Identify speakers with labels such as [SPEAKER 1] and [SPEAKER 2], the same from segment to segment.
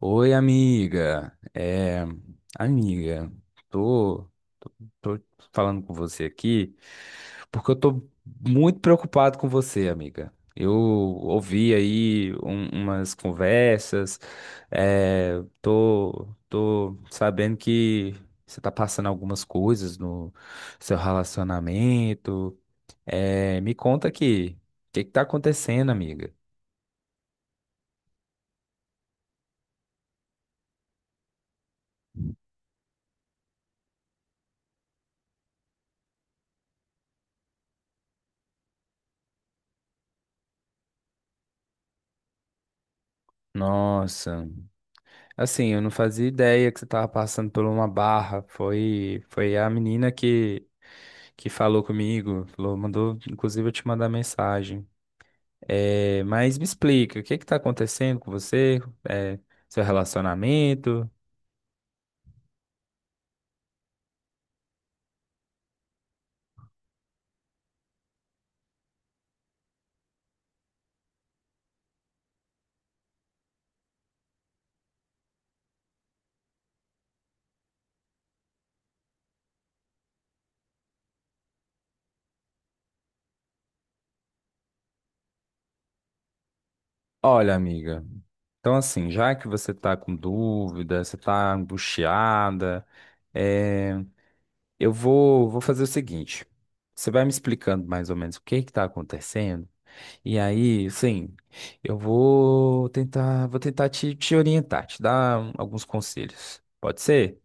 [SPEAKER 1] Oi, amiga. Amiga, tô, tô falando com você aqui porque eu tô muito preocupado com você, amiga. Eu ouvi aí umas conversas, tô sabendo que você tá passando algumas coisas no seu relacionamento. Me conta aqui, o que que tá acontecendo, amiga? Nossa. Assim, eu não fazia ideia que você tava passando por uma barra. Foi a menina que falou comigo, falou, mandou, inclusive, eu te mandar mensagem. Mas me explica, o que que tá acontecendo com você? É, seu relacionamento? Olha, amiga, então assim, já que você tá com dúvida, você tá angustiada, é, vou fazer o seguinte. Você vai me explicando mais ou menos o que que tá acontecendo? E aí, assim, vou tentar te orientar, te dar alguns conselhos. Pode ser?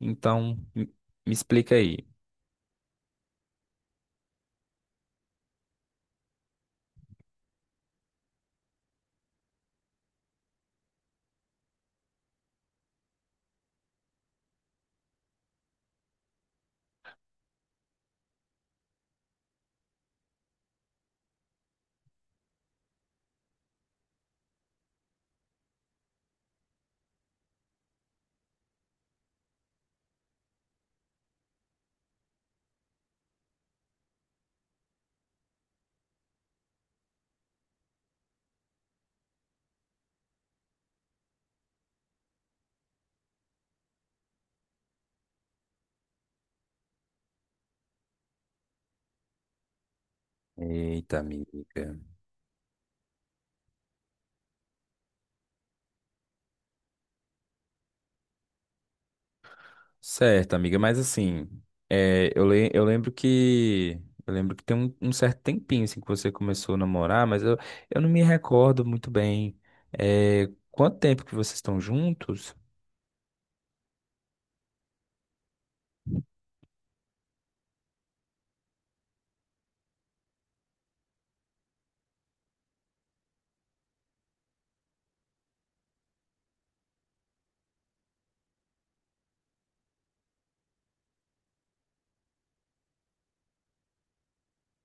[SPEAKER 1] Então, me explica aí. Eita, amiga. Certo, amiga, mas assim, eu lembro que. Eu lembro que tem um certo tempinho assim, que você começou a namorar, eu não me recordo muito bem. É, quanto tempo que vocês estão juntos?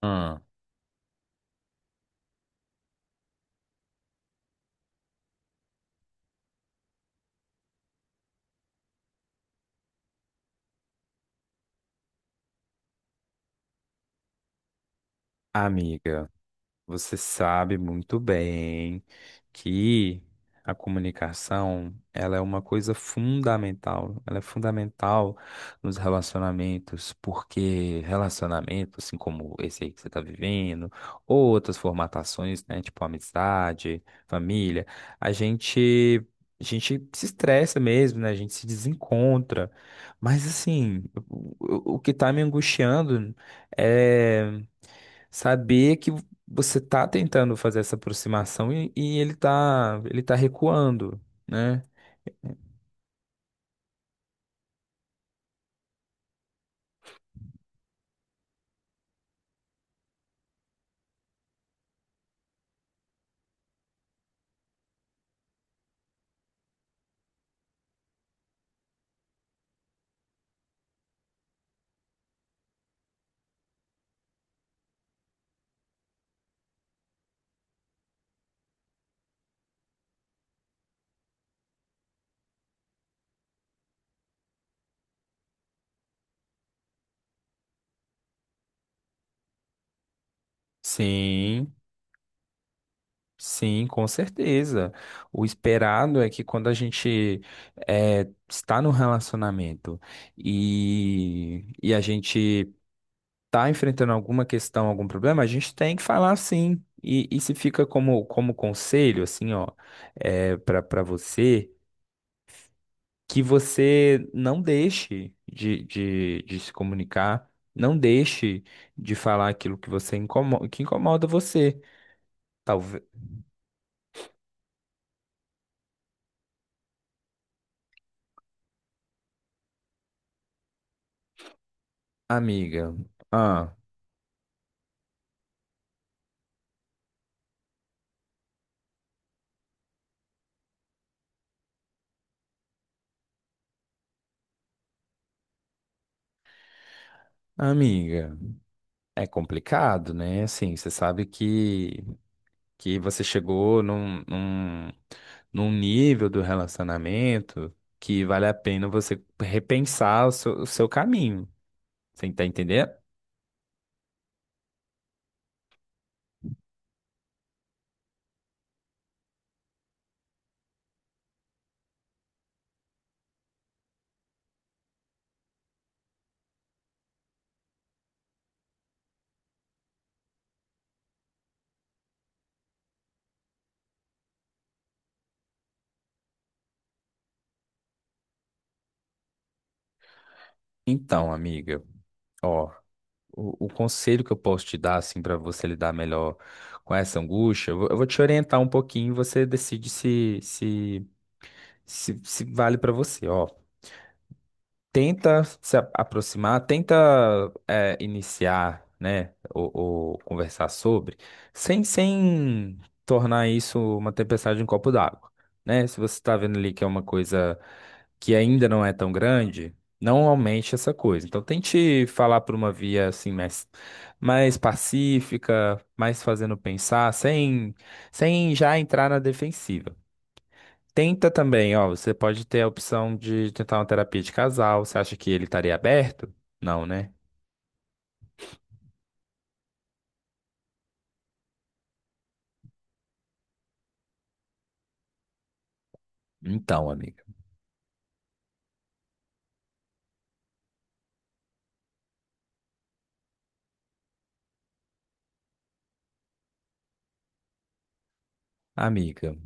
[SPEAKER 1] Ah, amiga. Você sabe muito bem que a comunicação, ela é uma coisa fundamental. Ela é fundamental nos relacionamentos, porque relacionamentos, assim como esse aí que você está vivendo, ou outras formatações, né, tipo amizade, família, a gente a gente se estressa mesmo, né? A gente se desencontra. Mas assim, o, o que está me angustiando é saber que você tá tentando fazer essa aproximação e, ele tá recuando, né? Sim, sim, com certeza. O esperado é que quando a gente é, está num relacionamento e a gente está enfrentando alguma questão, algum problema, a gente tem que falar sim. E se fica como, como conselho, assim, ó, é, para você. Que você não deixe de se comunicar, não deixe de falar aquilo que você incomoda, que incomoda você. Talvez, amiga, ah, amiga, é complicado, né? Assim, você sabe que você chegou num nível do relacionamento que vale a pena você repensar o seu caminho. Você tá entendendo? Então, amiga, ó. O conselho que eu posso te dar, assim, para você lidar melhor com essa angústia, eu vou te orientar um pouquinho e você decide se vale para você. Ó, tenta se a- aproximar, tenta é, iniciar, né, ou conversar sobre, sem tornar isso uma tempestade em um copo d'água, né? Se você está vendo ali que é uma coisa que ainda não é tão grande, não aumente essa coisa. Então tente falar por uma via assim mais pacífica, mais fazendo pensar, sem já entrar na defensiva. Tenta também, ó, você pode ter a opção de tentar uma terapia de casal. Você acha que ele estaria aberto? Não, né? Então, amiga. Amiga,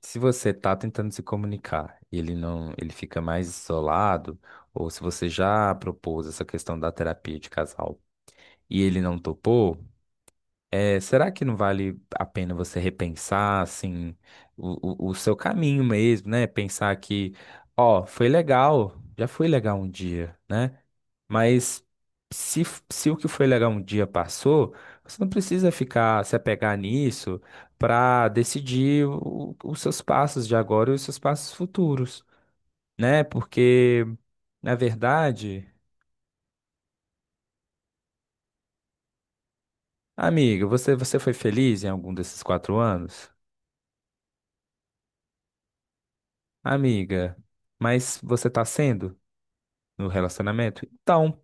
[SPEAKER 1] se você tá tentando se comunicar e ele não, ele fica mais isolado, ou se você já propôs essa questão da terapia de casal e ele não topou, é, será que não vale a pena você repensar, assim, o seu caminho mesmo, né? Pensar que, ó, foi legal, já foi legal um dia, né? Mas se o que foi legal um dia passou, você não precisa ficar se apegar nisso para decidir os seus passos de agora e os seus passos futuros, né? Porque, na verdade, amiga, você foi feliz em algum desses 4 anos? Amiga, mas você está sendo no relacionamento? Então.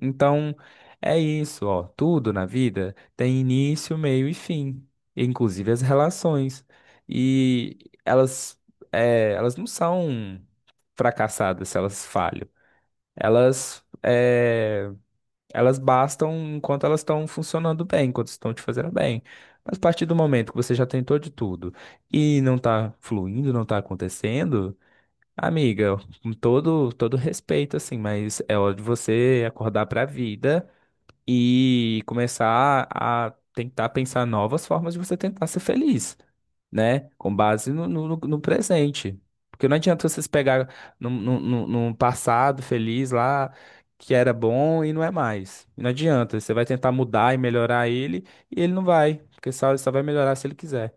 [SPEAKER 1] Então, é isso, ó. Tudo na vida tem início, meio e fim, inclusive as relações. E elas, é, elas não são fracassadas se elas falham. Elas, é, elas bastam enquanto elas estão funcionando bem, enquanto estão te fazendo bem. Mas a partir do momento que você já tentou de tudo e não tá fluindo, não tá acontecendo, amiga, com todo respeito, assim, mas é hora de você acordar pra vida e começar a tentar pensar novas formas de você tentar ser feliz, né? Com base no presente. Porque não adianta vocês pegar num passado feliz lá que era bom e não é mais. Não adianta. Você vai tentar mudar e melhorar ele e ele não vai. Porque só, ele só vai melhorar se ele quiser.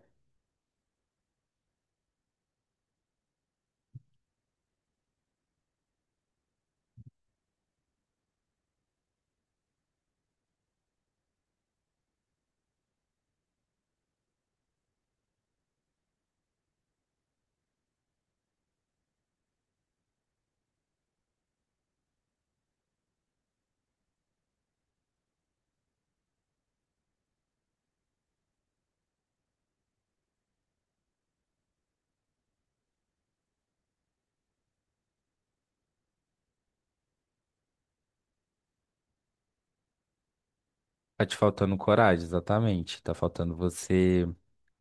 [SPEAKER 1] Tá te faltando coragem, exatamente. Tá faltando você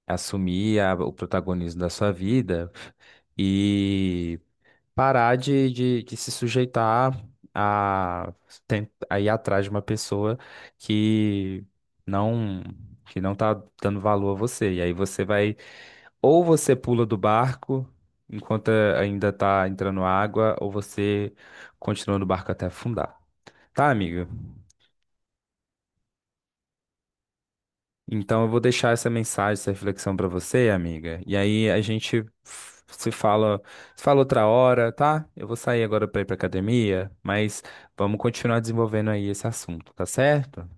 [SPEAKER 1] assumir o protagonismo da sua vida e parar de se sujeitar a, a ir atrás de uma pessoa que não que não tá dando valor a você. E aí você vai, ou você pula do barco enquanto ainda tá entrando água, ou você continua no barco até afundar. Tá, amigo? Então, eu vou deixar essa mensagem, essa reflexão para você, amiga. E aí a gente se fala, se fala outra hora, tá? Eu vou sair agora para ir para academia, mas vamos continuar desenvolvendo aí esse assunto, tá certo?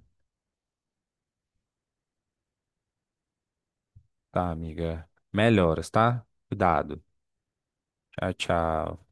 [SPEAKER 1] Tá, amiga. Melhoras, tá? Cuidado. Tchau, tchau.